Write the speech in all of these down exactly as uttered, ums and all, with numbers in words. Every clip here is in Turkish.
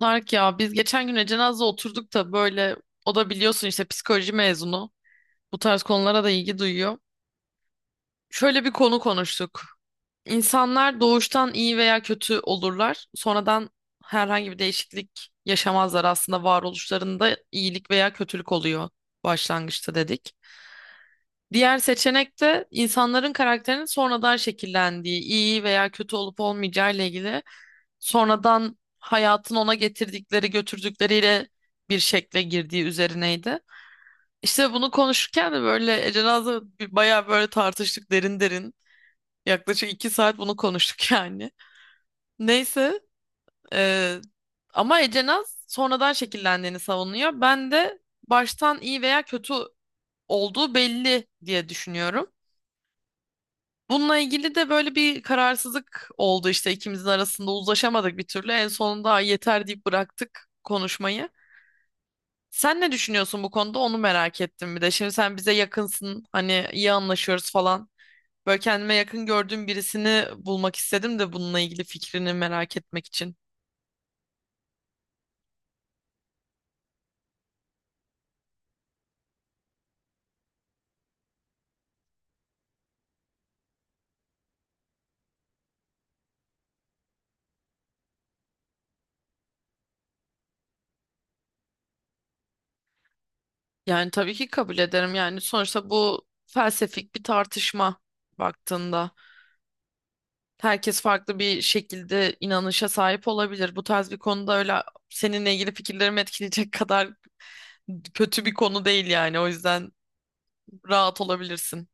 Tarık ya biz geçen gün Ecenaz'la oturduk da böyle o da biliyorsun işte psikoloji mezunu. Bu tarz konulara da ilgi duyuyor. Şöyle bir konu konuştuk. İnsanlar doğuştan iyi veya kötü olurlar. Sonradan herhangi bir değişiklik yaşamazlar. Aslında varoluşlarında iyilik veya kötülük oluyor başlangıçta dedik. Diğer seçenek de insanların karakterinin sonradan şekillendiği, iyi veya kötü olup olmayacağı ile ilgili sonradan hayatın ona getirdikleri götürdükleriyle bir şekle girdiği üzerineydi. İşte bunu konuşurken de böyle Ece Naz'la bir- bayağı böyle tartıştık derin derin. Yaklaşık iki saat bunu konuştuk yani. Neyse e, ama Ece Naz sonradan şekillendiğini savunuyor. Ben de baştan iyi veya kötü olduğu belli diye düşünüyorum. Bununla ilgili de böyle bir kararsızlık oldu işte ikimizin arasında uzlaşamadık bir türlü. En sonunda "Ay yeter" deyip bıraktık konuşmayı. Sen ne düşünüyorsun bu konuda onu merak ettim bir de. Şimdi sen bize yakınsın hani iyi anlaşıyoruz falan. Böyle kendime yakın gördüğüm birisini bulmak istedim de bununla ilgili fikrini merak etmek için. Yani tabii ki kabul ederim. Yani sonuçta bu felsefik bir tartışma baktığında. Herkes farklı bir şekilde inanışa sahip olabilir. Bu tarz bir konuda öyle seninle ilgili fikirlerimi etkileyecek kadar kötü bir konu değil yani. O yüzden rahat olabilirsin.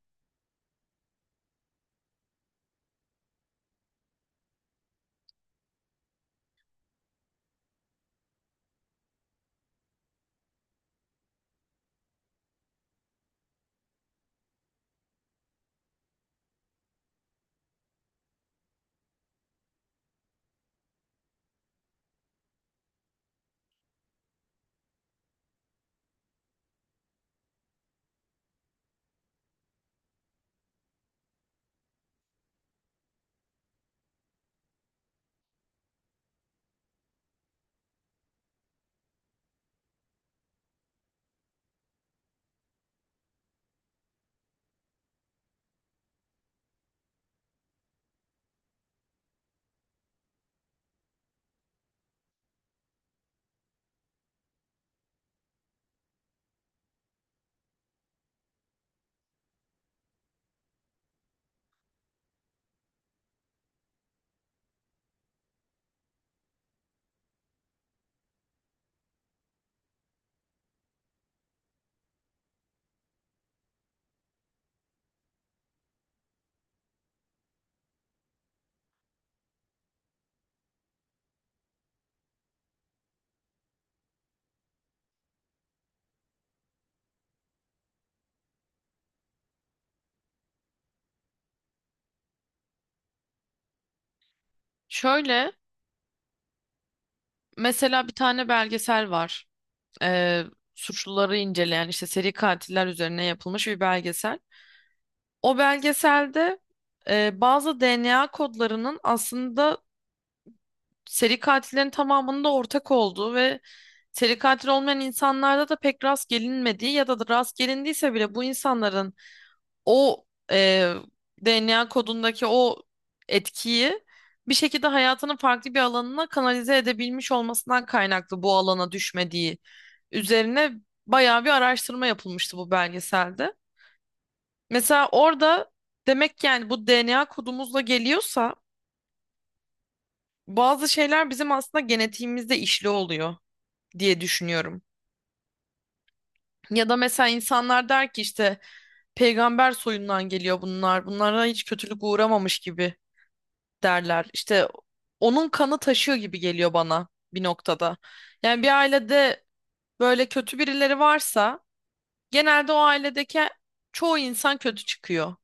Şöyle mesela bir tane belgesel var. Ee, suçluları inceleyen işte seri katiller üzerine yapılmış bir belgesel. O belgeselde e, bazı D N A kodlarının aslında seri katillerin tamamında ortak olduğu ve seri katil olmayan insanlarda da pek rast gelinmediği ya da rast gelindiyse bile bu insanların o e, D N A kodundaki o etkiyi bir şekilde hayatının farklı bir alanına kanalize edebilmiş olmasından kaynaklı bu alana düşmediği üzerine bayağı bir araştırma yapılmıştı bu belgeselde. Mesela orada demek ki yani bu D N A kodumuzla geliyorsa bazı şeyler bizim aslında genetiğimizde işli oluyor diye düşünüyorum. Ya da mesela insanlar der ki işte peygamber soyundan geliyor bunlar. Bunlara hiç kötülük uğramamış gibi derler. İşte onun kanı taşıyor gibi geliyor bana bir noktada. Yani bir ailede böyle kötü birileri varsa genelde o ailedeki çoğu insan kötü çıkıyor.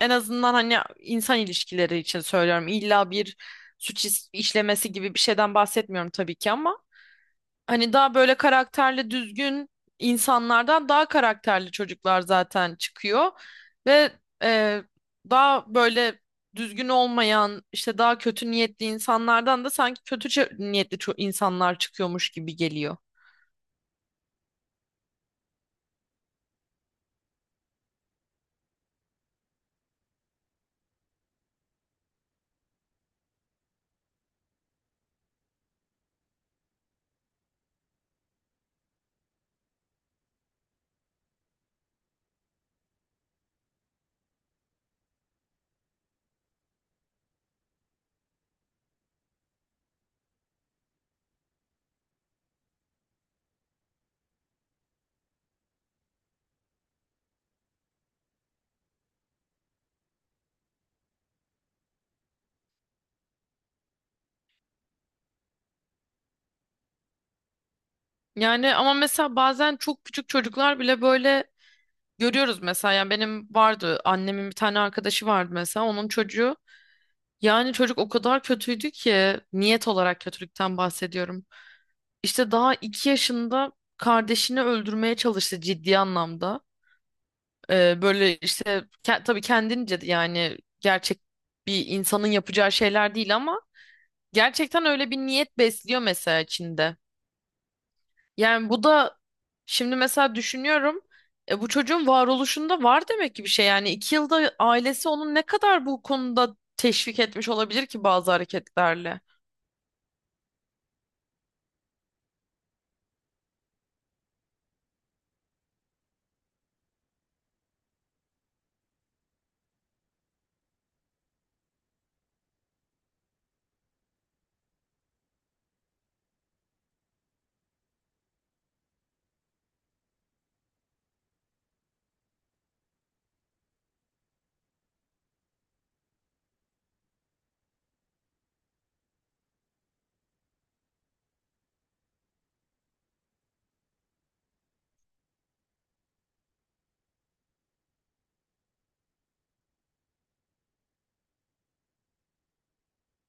En azından hani insan ilişkileri için söylüyorum. İlla bir suç is- işlemesi gibi bir şeyden bahsetmiyorum tabii ki ama hani daha böyle karakterli düzgün insanlardan daha karakterli çocuklar zaten çıkıyor ve e, daha böyle düzgün olmayan işte daha kötü niyetli insanlardan da sanki kötü çe- niyetli ço- insanlar çıkıyormuş gibi geliyor. Yani ama mesela bazen çok küçük çocuklar bile böyle görüyoruz mesela yani benim vardı annemin bir tane arkadaşı vardı mesela onun çocuğu yani çocuk o kadar kötüydü ki niyet olarak kötülükten bahsediyorum. İşte daha iki yaşında kardeşini öldürmeye çalıştı ciddi anlamda. Ee, böyle işte ke- tabii kendince yani gerçek bir insanın yapacağı şeyler değil ama gerçekten öyle bir niyet besliyor mesela içinde. Yani bu da şimdi mesela düşünüyorum e, bu çocuğun varoluşunda var demek ki bir şey yani iki yılda ailesi onu ne kadar bu konuda teşvik etmiş olabilir ki bazı hareketlerle.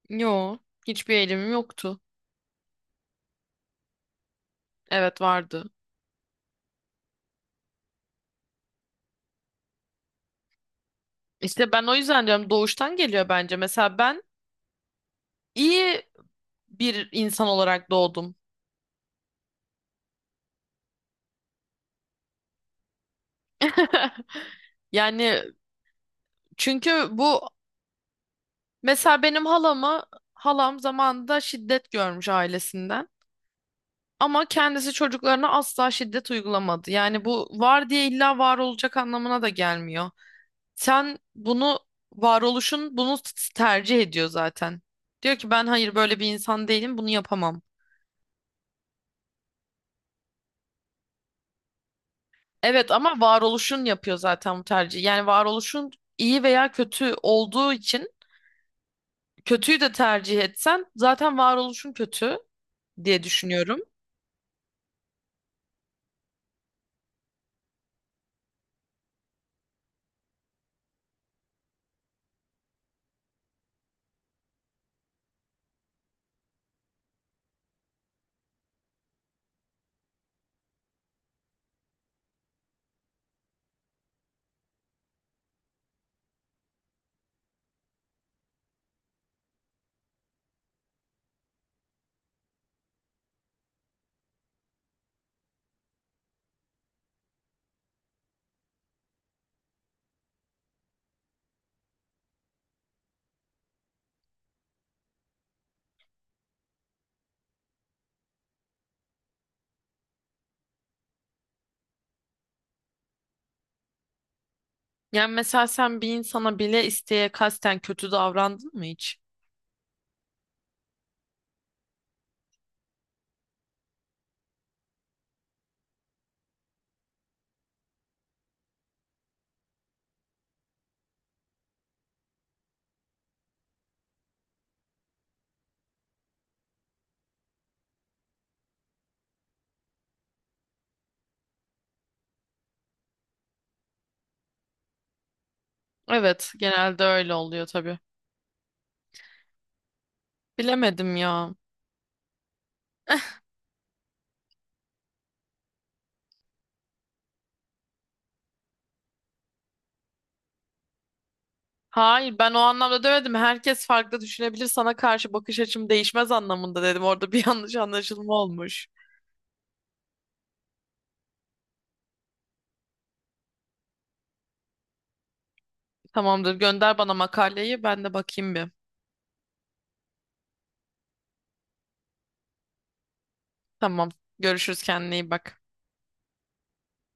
Yo, hiçbir eğilimim yoktu. Evet, vardı. İşte ben o yüzden diyorum doğuştan geliyor bence. Mesela ben iyi bir insan olarak doğdum. Yani çünkü bu mesela benim halamı halam zamanında şiddet görmüş ailesinden. Ama kendisi çocuklarına asla şiddet uygulamadı. Yani bu var diye illa var olacak anlamına da gelmiyor. Sen bunu varoluşun bunu s- tercih ediyor zaten. Diyor ki ben hayır böyle bir insan değilim bunu yapamam. Evet ama varoluşun yapıyor zaten bu tercihi. Yani varoluşun iyi veya kötü olduğu için kötüyü de tercih etsen zaten varoluşun kötü diye düşünüyorum. Yani mesela sen bir insana bile isteye kasten kötü davrandın mı hiç? Evet, genelde öyle oluyor tabii. Bilemedim ya. Hayır, ben o anlamda demedim. Herkes farklı düşünebilir. Sana karşı bakış açım değişmez anlamında dedim. Orada bir yanlış anlaşılma olmuş. Tamamdır, gönder bana makaleyi. Ben de bakayım bir. Tamam. Görüşürüz, kendine iyi bak.